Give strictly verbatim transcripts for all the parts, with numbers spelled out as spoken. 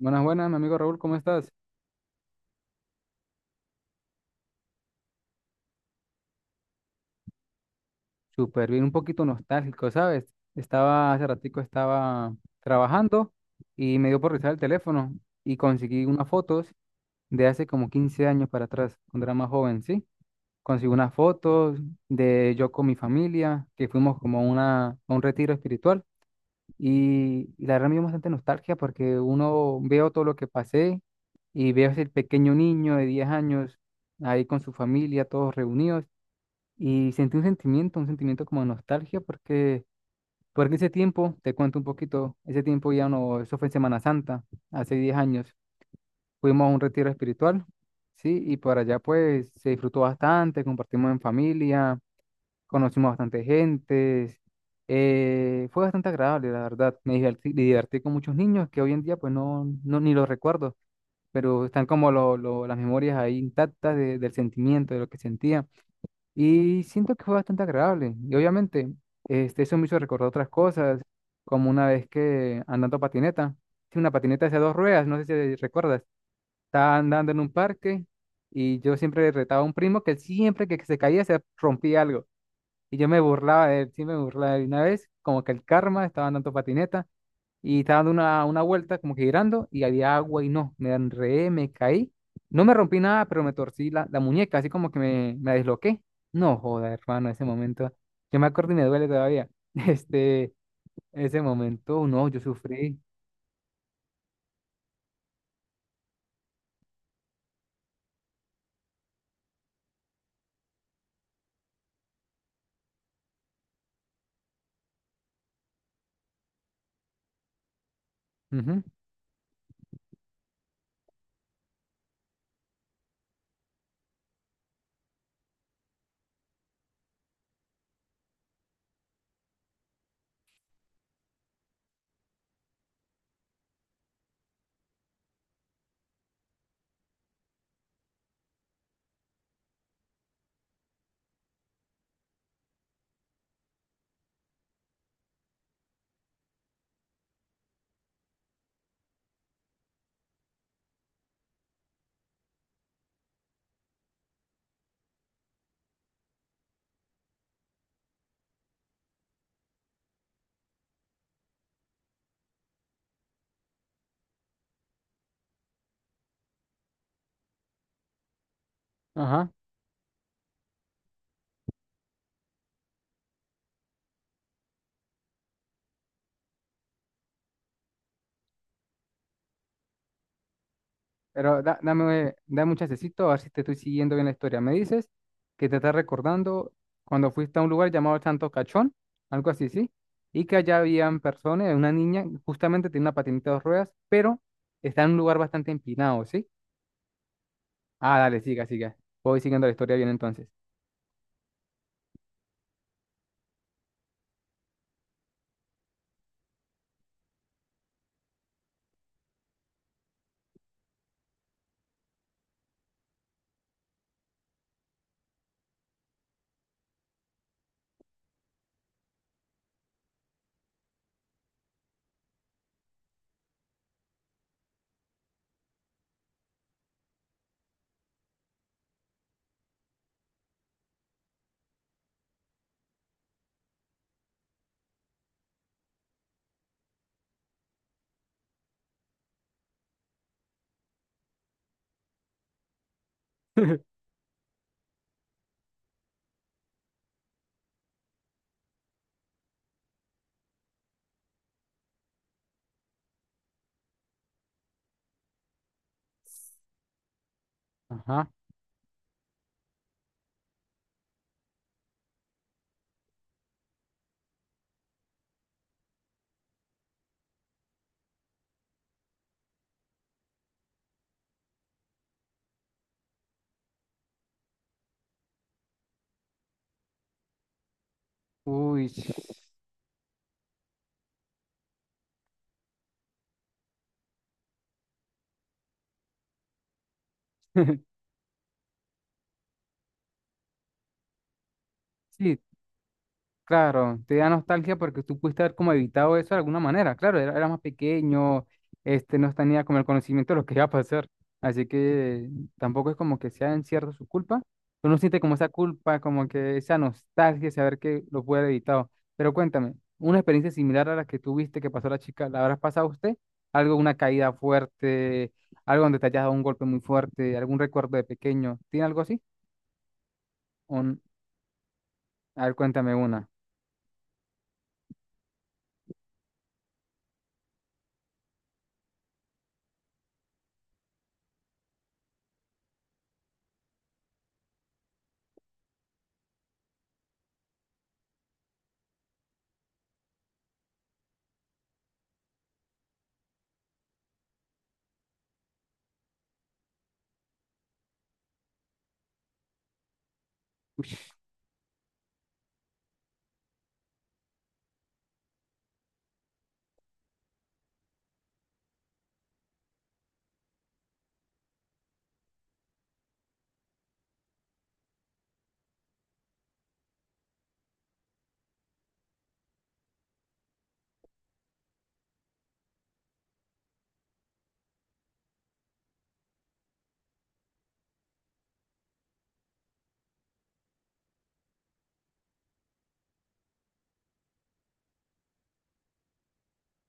Buenas, buenas, mi amigo Raúl, ¿cómo estás? Súper bien, un poquito nostálgico, ¿sabes? Estaba, hace ratico estaba trabajando y me dio por revisar el teléfono y conseguí unas fotos de hace como quince años para atrás, cuando era más joven, ¿sí? Conseguí unas fotos de yo con mi familia, que fuimos como a una, a un retiro espiritual y, y la verdad me dio bastante nostalgia porque uno veo todo lo que pasé y veo ese pequeño niño de diez años ahí con su familia, todos reunidos. Y sentí un sentimiento, un sentimiento como de nostalgia, porque, porque ese tiempo, te cuento un poquito, ese tiempo ya no, eso fue en Semana Santa, hace diez años, fuimos a un retiro espiritual, ¿sí? Y por allá pues se disfrutó bastante, compartimos en familia, conocimos bastante gente, eh, fue bastante agradable, la verdad, me divertí, me divertí con muchos niños que hoy en día pues no, no ni los recuerdo, pero están como lo- lo- las memorias ahí intactas de- del sentimiento, de lo que sentía. Y siento que fue bastante agradable. Y obviamente, este, eso me hizo recordar otras cosas, como una vez que andando patineta, sí, una patineta de dos ruedas, no sé si recuerdas, estaba andando en un parque y yo siempre retaba a un primo que él siempre que se caía se rompía algo. Y yo me burlaba de él, sí me burlaba de él. Y una vez, como que el karma, estaba andando patineta y estaba dando una, una vuelta como que girando y había agua y no, me enredé, me caí. No me rompí nada, pero me torcí la, la muñeca, así como que me, me desloqué. No joda, hermano, ese momento. Yo me acuerdo y me duele todavía. Este, ese momento, no, yo sufrí. Ujú. Ajá. Pero da- dame, dame un chancecito a ver si te estoy siguiendo bien la historia. Me dices que te estás recordando cuando fuiste a un lugar llamado Santo Cachón, algo así, ¿sí? Y que allá habían personas, una niña, justamente tiene una patineta de dos ruedas, pero está en un lugar bastante empinado, ¿sí? Ah, dale, siga, siga. Voy siguiendo la historia bien entonces. Ajá. Uy. Sí, claro, te da nostalgia porque tú pudiste haber como evitado eso de alguna manera. Claro, era, era más pequeño, este, no tenía como el conocimiento de lo que iba a pasar. Así que tampoco es como que sea en cierto su culpa. Uno siente como esa culpa, como que esa nostalgia de saber que lo puede haber evitado. Pero cuéntame, una experiencia similar a la que tuviste que pasó la chica, ¿la habrás pasado usted? Algo, una caída fuerte, algo donde te hayas dado un golpe muy fuerte, algún recuerdo de pequeño. ¿Tiene algo así? Un- a ver, cuéntame una.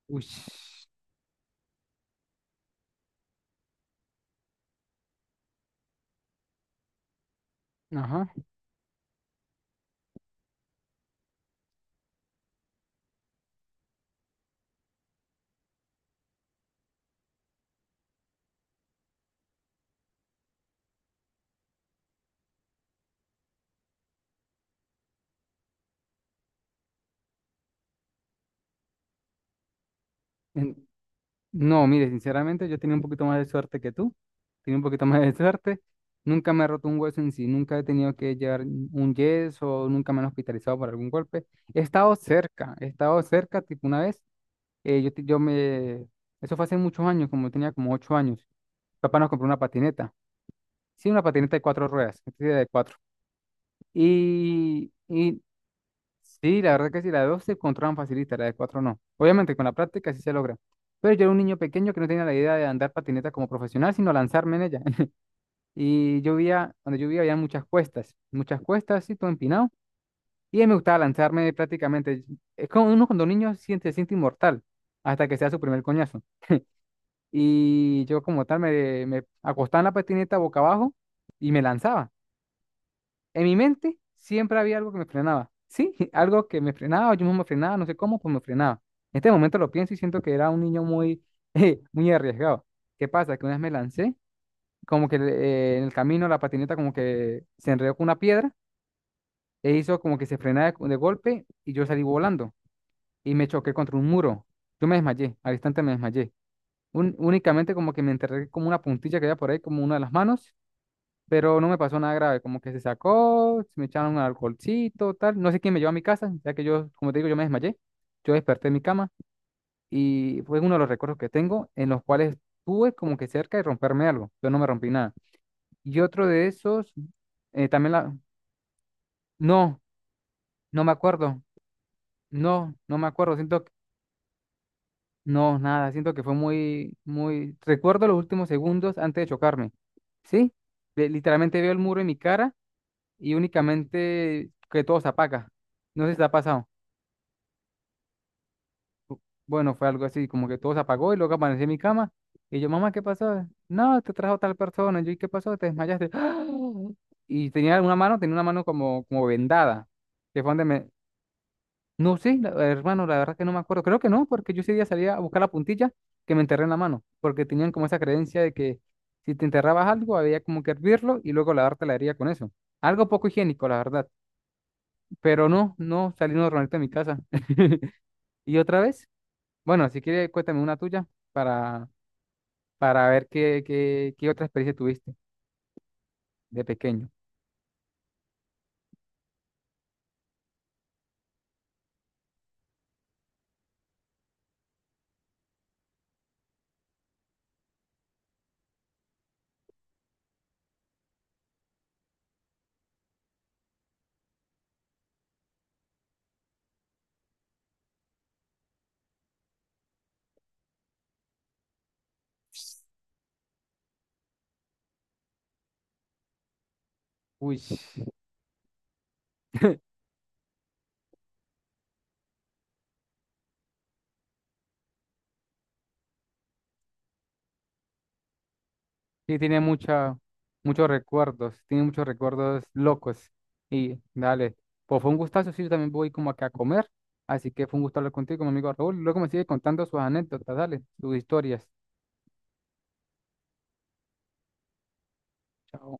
Uy, ajá. No, mire, sinceramente yo tenía un poquito más de suerte que tú. Tenía un poquito más de suerte. Nunca me he roto un hueso en sí, nunca he tenido que llevar un yeso, nunca me han hospitalizado por algún golpe. He estado cerca, he estado cerca, tipo una vez, eh, yo, te- yo me... Eso fue hace muchos años, como tenía como ocho años. Papá nos compró una patineta. Sí, una patineta de cuatro ruedas, una patineta de cuatro. Y, y sí, la verdad que sí, la de dos se controlan facilita, la de cuatro no. Obviamente con la práctica sí se logra. Pero yo era un niño pequeño que no tenía la idea de andar patineta como profesional, sino lanzarme en ella. Y yo vivía, donde yo vivía había muchas cuestas, muchas cuestas, y todo empinado. Y a mí me gustaba lanzarme prácticamente. Es como uno cuando niño siente, se siente inmortal hasta que sea su primer coñazo. Y yo como tal me, me acostaba en la patineta boca abajo y me lanzaba. En mi mente siempre había algo que me frenaba, ¿sí? Algo que me frenaba, yo mismo me frenaba, no sé cómo, pues me frenaba. En este momento lo pienso y siento que era un niño muy, eh, muy arriesgado. ¿Qué pasa? Que una vez me lancé, como que eh, en el camino la patineta como que se enredó con una piedra e hizo como que se frenaba de, de golpe y yo salí volando y me choqué contra un muro. Yo me desmayé, al instante me desmayé. Un- únicamente como que me enterré como una puntilla que había por ahí, como una de las manos, pero no me pasó nada grave, como que se sacó, se me echaron un alcoholcito, tal. No sé quién me llevó a mi casa, ya que yo, como te digo, yo me desmayé, yo desperté en mi cama y fue uno de los recuerdos que tengo en los cuales estuve como que cerca de romperme algo, yo no me rompí nada. Y otro de esos, eh, también la... No, no me acuerdo, no, no me acuerdo, siento que... No, nada, siento que fue muy, muy... Recuerdo los últimos segundos antes de chocarme, ¿sí? Le- Literalmente veo el muro en mi cara y únicamente que todo se apaga. No sé si te ha pasado. Bueno, fue algo así, como que todo se apagó y luego aparecí en mi cama. Y yo, mamá, ¿qué pasó? No, te trajo tal persona. Y yo, ¿y qué pasó? Te desmayaste. ¡Ah! Y tenía una mano, tenía una mano como, como vendada. Que fue donde me... No sé, la- hermano, la verdad que no me acuerdo. Creo que no, porque yo ese día salía a buscar la puntilla que me enterré en la mano. Porque tenían como esa creencia de que si te enterrabas algo, había como que hervirlo y luego lavarte la herida con eso. Algo poco higiénico, la verdad. Pero no, no, salí normalmente de mi casa. Y otra vez, bueno, si quieres, cuéntame una tuya para, para ver qué, qué, qué otra experiencia tuviste de pequeño. Uy, sí, tiene mucha, muchos recuerdos, tiene muchos recuerdos locos. Y dale, pues fue un gustazo, sí, yo también voy como acá a comer, así que fue un gusto hablar contigo, mi amigo Raúl. Luego me sigue contando sus anécdotas, dale, sus historias. Chao.